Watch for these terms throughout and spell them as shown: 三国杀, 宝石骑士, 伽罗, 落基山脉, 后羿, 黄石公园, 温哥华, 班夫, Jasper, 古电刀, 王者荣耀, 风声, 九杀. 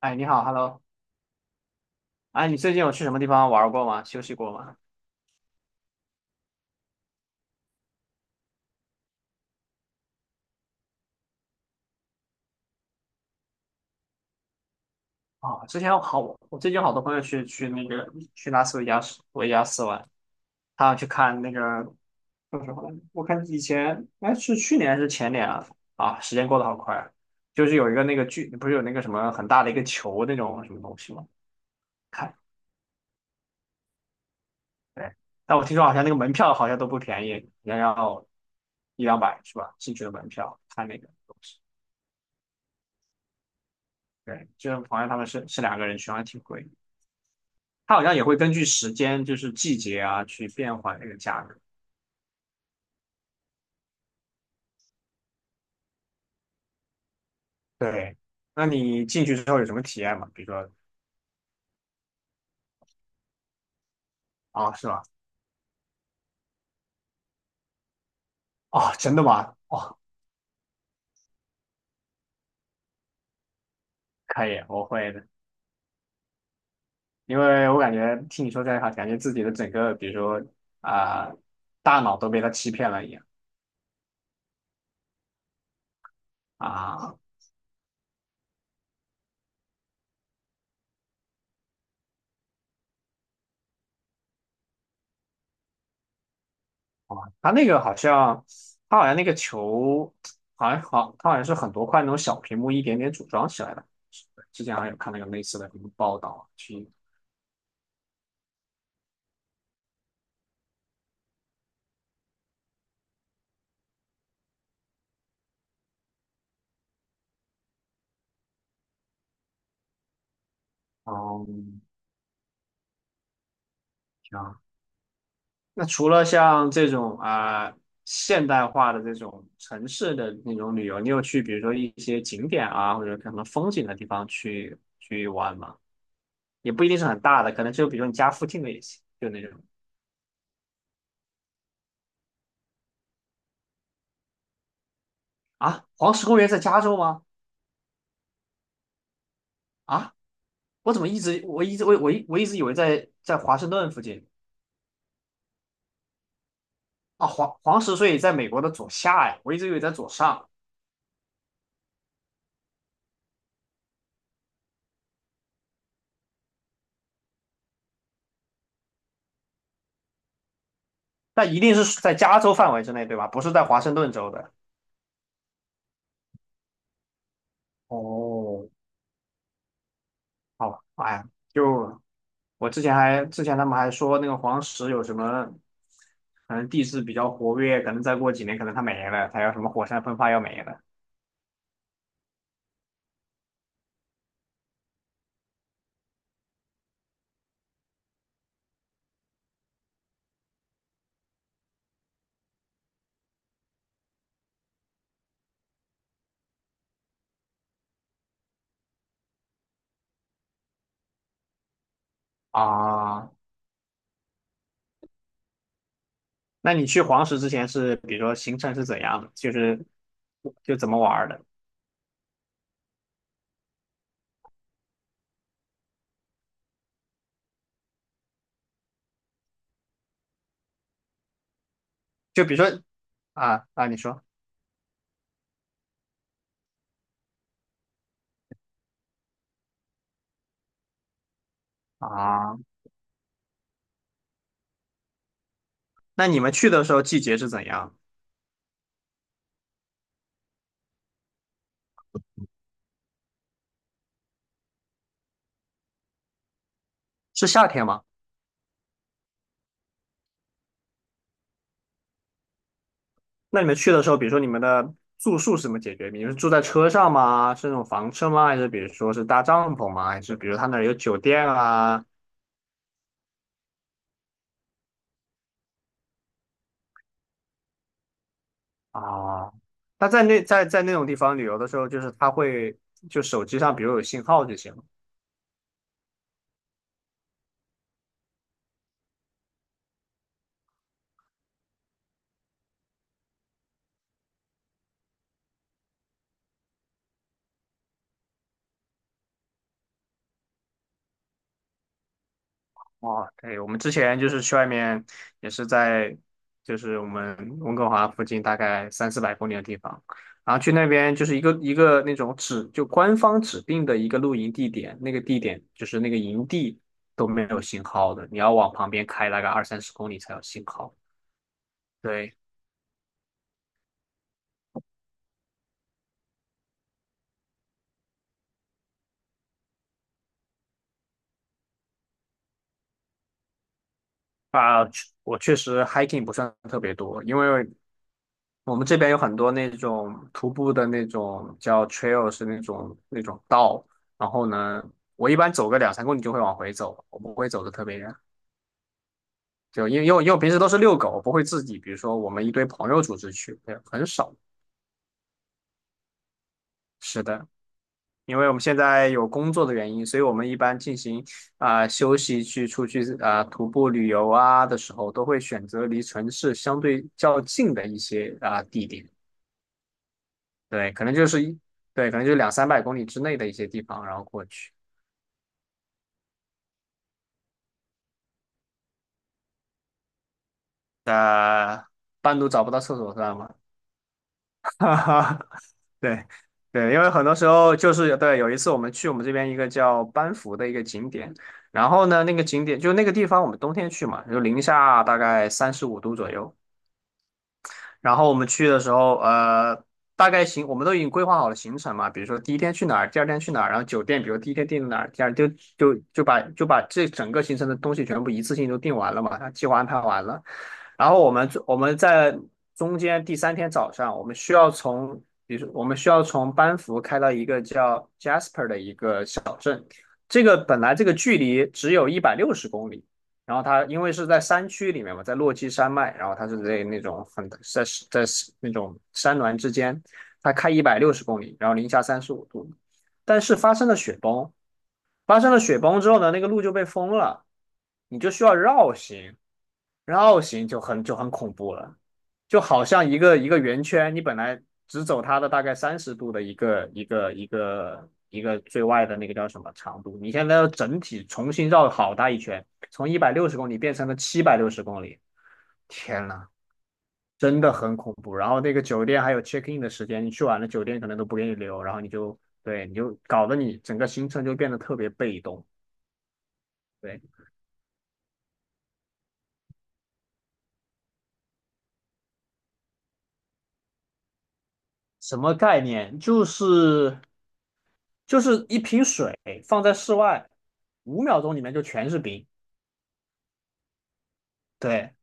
哎，你好，Hello。哎，你最近有去什么地方玩过吗？休息过吗？啊、之前我最近有好多朋友去去那个去拉斯维加斯玩，他要去看那个叫什么来着？我看以前哎是去年还是前年啊？啊，时间过得好快，就是有一个那个剧，不是有那个什么很大的一个球那种什么东西吗？看，对，但我听说好像那个门票好像都不便宜，要一两百是吧？进去的门票看那个东西，对，就是朋友他们是两个人去，好像挺贵。它好像也会根据时间，就是季节啊，去变换那个价格。对，那你进去之后有什么体验吗？比如说，啊，是吧？哦，真的吗？哦，可以，我会的，因为我感觉听你说这一话，感觉自己的整个，比如说啊、大脑都被他欺骗了一样啊。哦，他那个好像，他好像那个球，好像好，他好像是很多块那种小屏幕一点点组装起来的。之前好像有看那个类似的什么报道啊，去，嗯，那除了像这种啊、现代化的这种城市的那种旅游，你有去比如说一些景点啊，或者什么风景的地方去玩吗？也不一定是很大的，可能就比如说你家附近的也行，就那种啊，黄石公园在加州吗？啊，我怎么一直我一直我我一我一直以为在华盛顿附近啊，黄石所以在美国的左下呀，我一直以为在左上，但一定是在加州范围之内对吧？不是在华盛顿州的。哦，好，哎呀。就我之前还之前他们还说那个黄石有什么，可能地质比较活跃，可能再过几年可能它没了，它要什么火山喷发要没了啊。那你去黄石之前是，比如说行程是怎样的，就是就怎么玩儿的？就比如说你说啊，那你们去的时候季节是怎样？是夏天吗？那你们去的时候，比如说你们的住宿是怎么解决？你们是住在车上吗？是那种房车吗？还是比如说是搭帐篷吗？还是比如他那儿有酒店啊？啊，那在那在那种地方旅游的时候，就是它会就手机上，比如有信号就行了。哦，对，我们之前就是去外面，也是在就是我们温哥华附近大概三四百公里的地方，然后去那边就是一个一个那种指就官方指定的一个露营地点，那个地点就是那个营地都没有信号的，你要往旁边开大概二三十公里才有信号。对啊，我确实 hiking 不算特别多，因为我们这边有很多那种徒步的那种叫 trail，是那种那种道。然后呢，我一般走个两三公里就会往回走，我不会走的特别远。就因为我平时都是遛狗，我不会自己，比如说我们一堆朋友组织去，对，很少。是的，因为我们现在有工作的原因，所以我们一般进行啊、休息去出去啊、徒步旅游啊的时候，都会选择离城市相对较近的一些啊、地点。对，可能就是一，对，可能就两三百公里之内的一些地方，然后过去。呃，半路找不到厕所算吗？哈哈对，对，因为很多时候就是对，有一次我们去我们这边一个叫班夫的一个景点，然后呢，那个景点就那个地方我们冬天去嘛，就零下大概三十五度左右，然后我们去的时候，大概行，我们都已经规划好了行程嘛，比如说第一天去哪儿，第二天去哪儿，然后酒店，比如第一天定哪儿，第二天就把这整个行程的东西全部一次性都定完了嘛，计划安排完了。然后我们在中间第三天早上，我们需要从，比如说我们需要从班夫开到一个叫 Jasper 的一个小镇，这个本来这个距离只有一百六十公里，然后它因为是在山区里面嘛，在落基山脉，然后它是在那种很在在那种山峦之间，它开一百六十公里，然后零下三十五度，但是发生了雪崩，发生了雪崩之后呢，那个路就被封了，你就需要绕行，绕行就很就很恐怖了，就好像一个一个圆圈，你本来只走它的大概30度的一个最外的那个叫什么长度，你现在要整体重新绕好大一圈，从一百六十公里变成了760公里，天呐，真的很恐怖。然后那个酒店还有 check in 的时间，你去晚了酒店可能都不给你留，然后你就对你就搞得你整个行程就变得特别被动。对，什么概念？就是就是一瓶水放在室外，5秒钟里面就全是冰。对，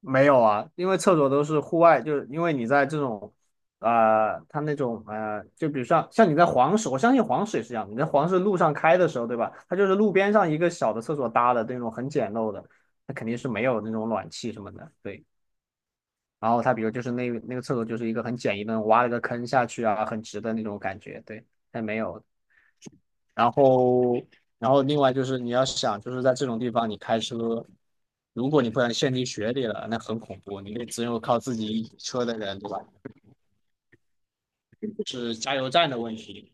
没有啊，因为厕所都是户外，就是因为你在这种，它那种就比如像你在黄石，我相信黄石也是这样，你在黄石路上开的时候，对吧？它就是路边上一个小的厕所搭的那种很简陋的，它肯定是没有那种暖气什么的。对，然后它比如就是那那个厕所就是一个很简易的，挖了个坑下去啊，很直的那种感觉。对，它没有。然后，然后另外就是你要想，就是在这种地方你开车，如果你不小心陷进雪里了，那很恐怖，你得只有靠自己车的人，对吧？是加油站的问题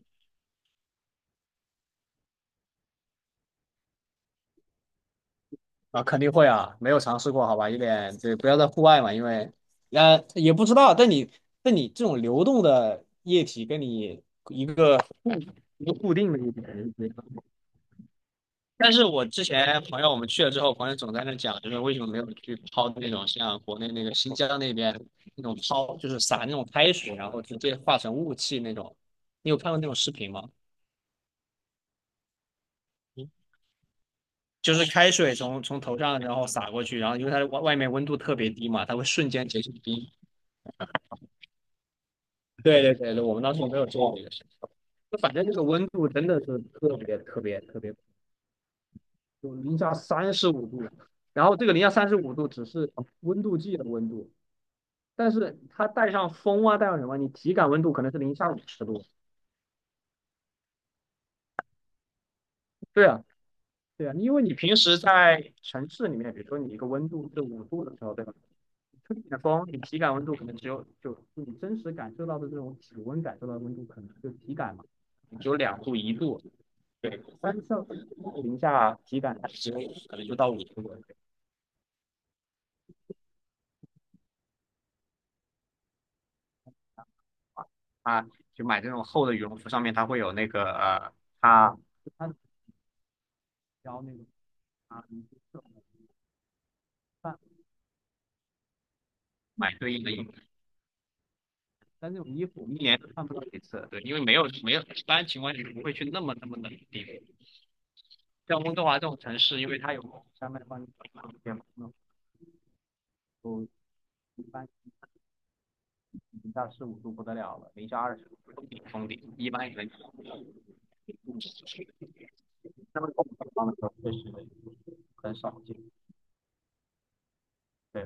啊，肯定会啊，没有尝试过，好吧，有点对，不要在户外嘛，因为啊也不知道，但你但你这种流动的液体跟你一个固一个固定的一点，但是我之前朋友我们去了之后，朋友总在那讲，就是为什么没有去泡那种像国内那个新疆那边那种泡，就是撒那种开水，然后直接化成雾气那种。你有看过那种视频吗？就是开水从头上然后洒过去，然后因为它的外面温度特别低嘛，它会瞬间结成冰。对对对对，我们当时没有做这个事情。就反正这个温度真的是特别特别特别，就零下三十五度，然后这个零下三十五度只是温度计的温度，但是它带上风啊，带上什么，你体感温度可能是零下50度。对啊，对啊，因为你平时在城市里面，比如说你一个温度是五度的时候，对吧？吹点风，你体感温度可能只有就你真实感受到的这种体温感受到的温度，可能就体感嘛，只有两度一度。对，三上零下体感只有可能就到五度了。啊，就买这种厚的羽绒服，上面它会有那个它它标那个啊，买对应的衣但这种衣服一年都穿不到几次，对，因为没有，一般情况下不会去那么那么冷的地方。像温哥华这种城市，因为它有山脉帮你挡一些那都一般零下十五度不得了了，零下20度封顶封顶，一般也能。那么地方的时候确实很少见。对，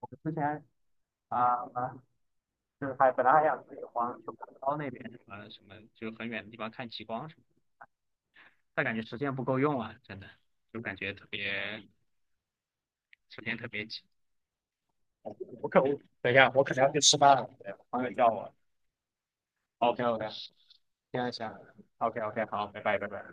我之前啊啊，就是还本来还想自己花去广州那边什么什么，就很远的地方看极光什么，但感觉时间不够用啊，真的就感觉特别时间特别紧。我等一下，我可能要去吃饭了，朋友叫我。OK OK，行行下。OK OK，好，拜拜拜拜。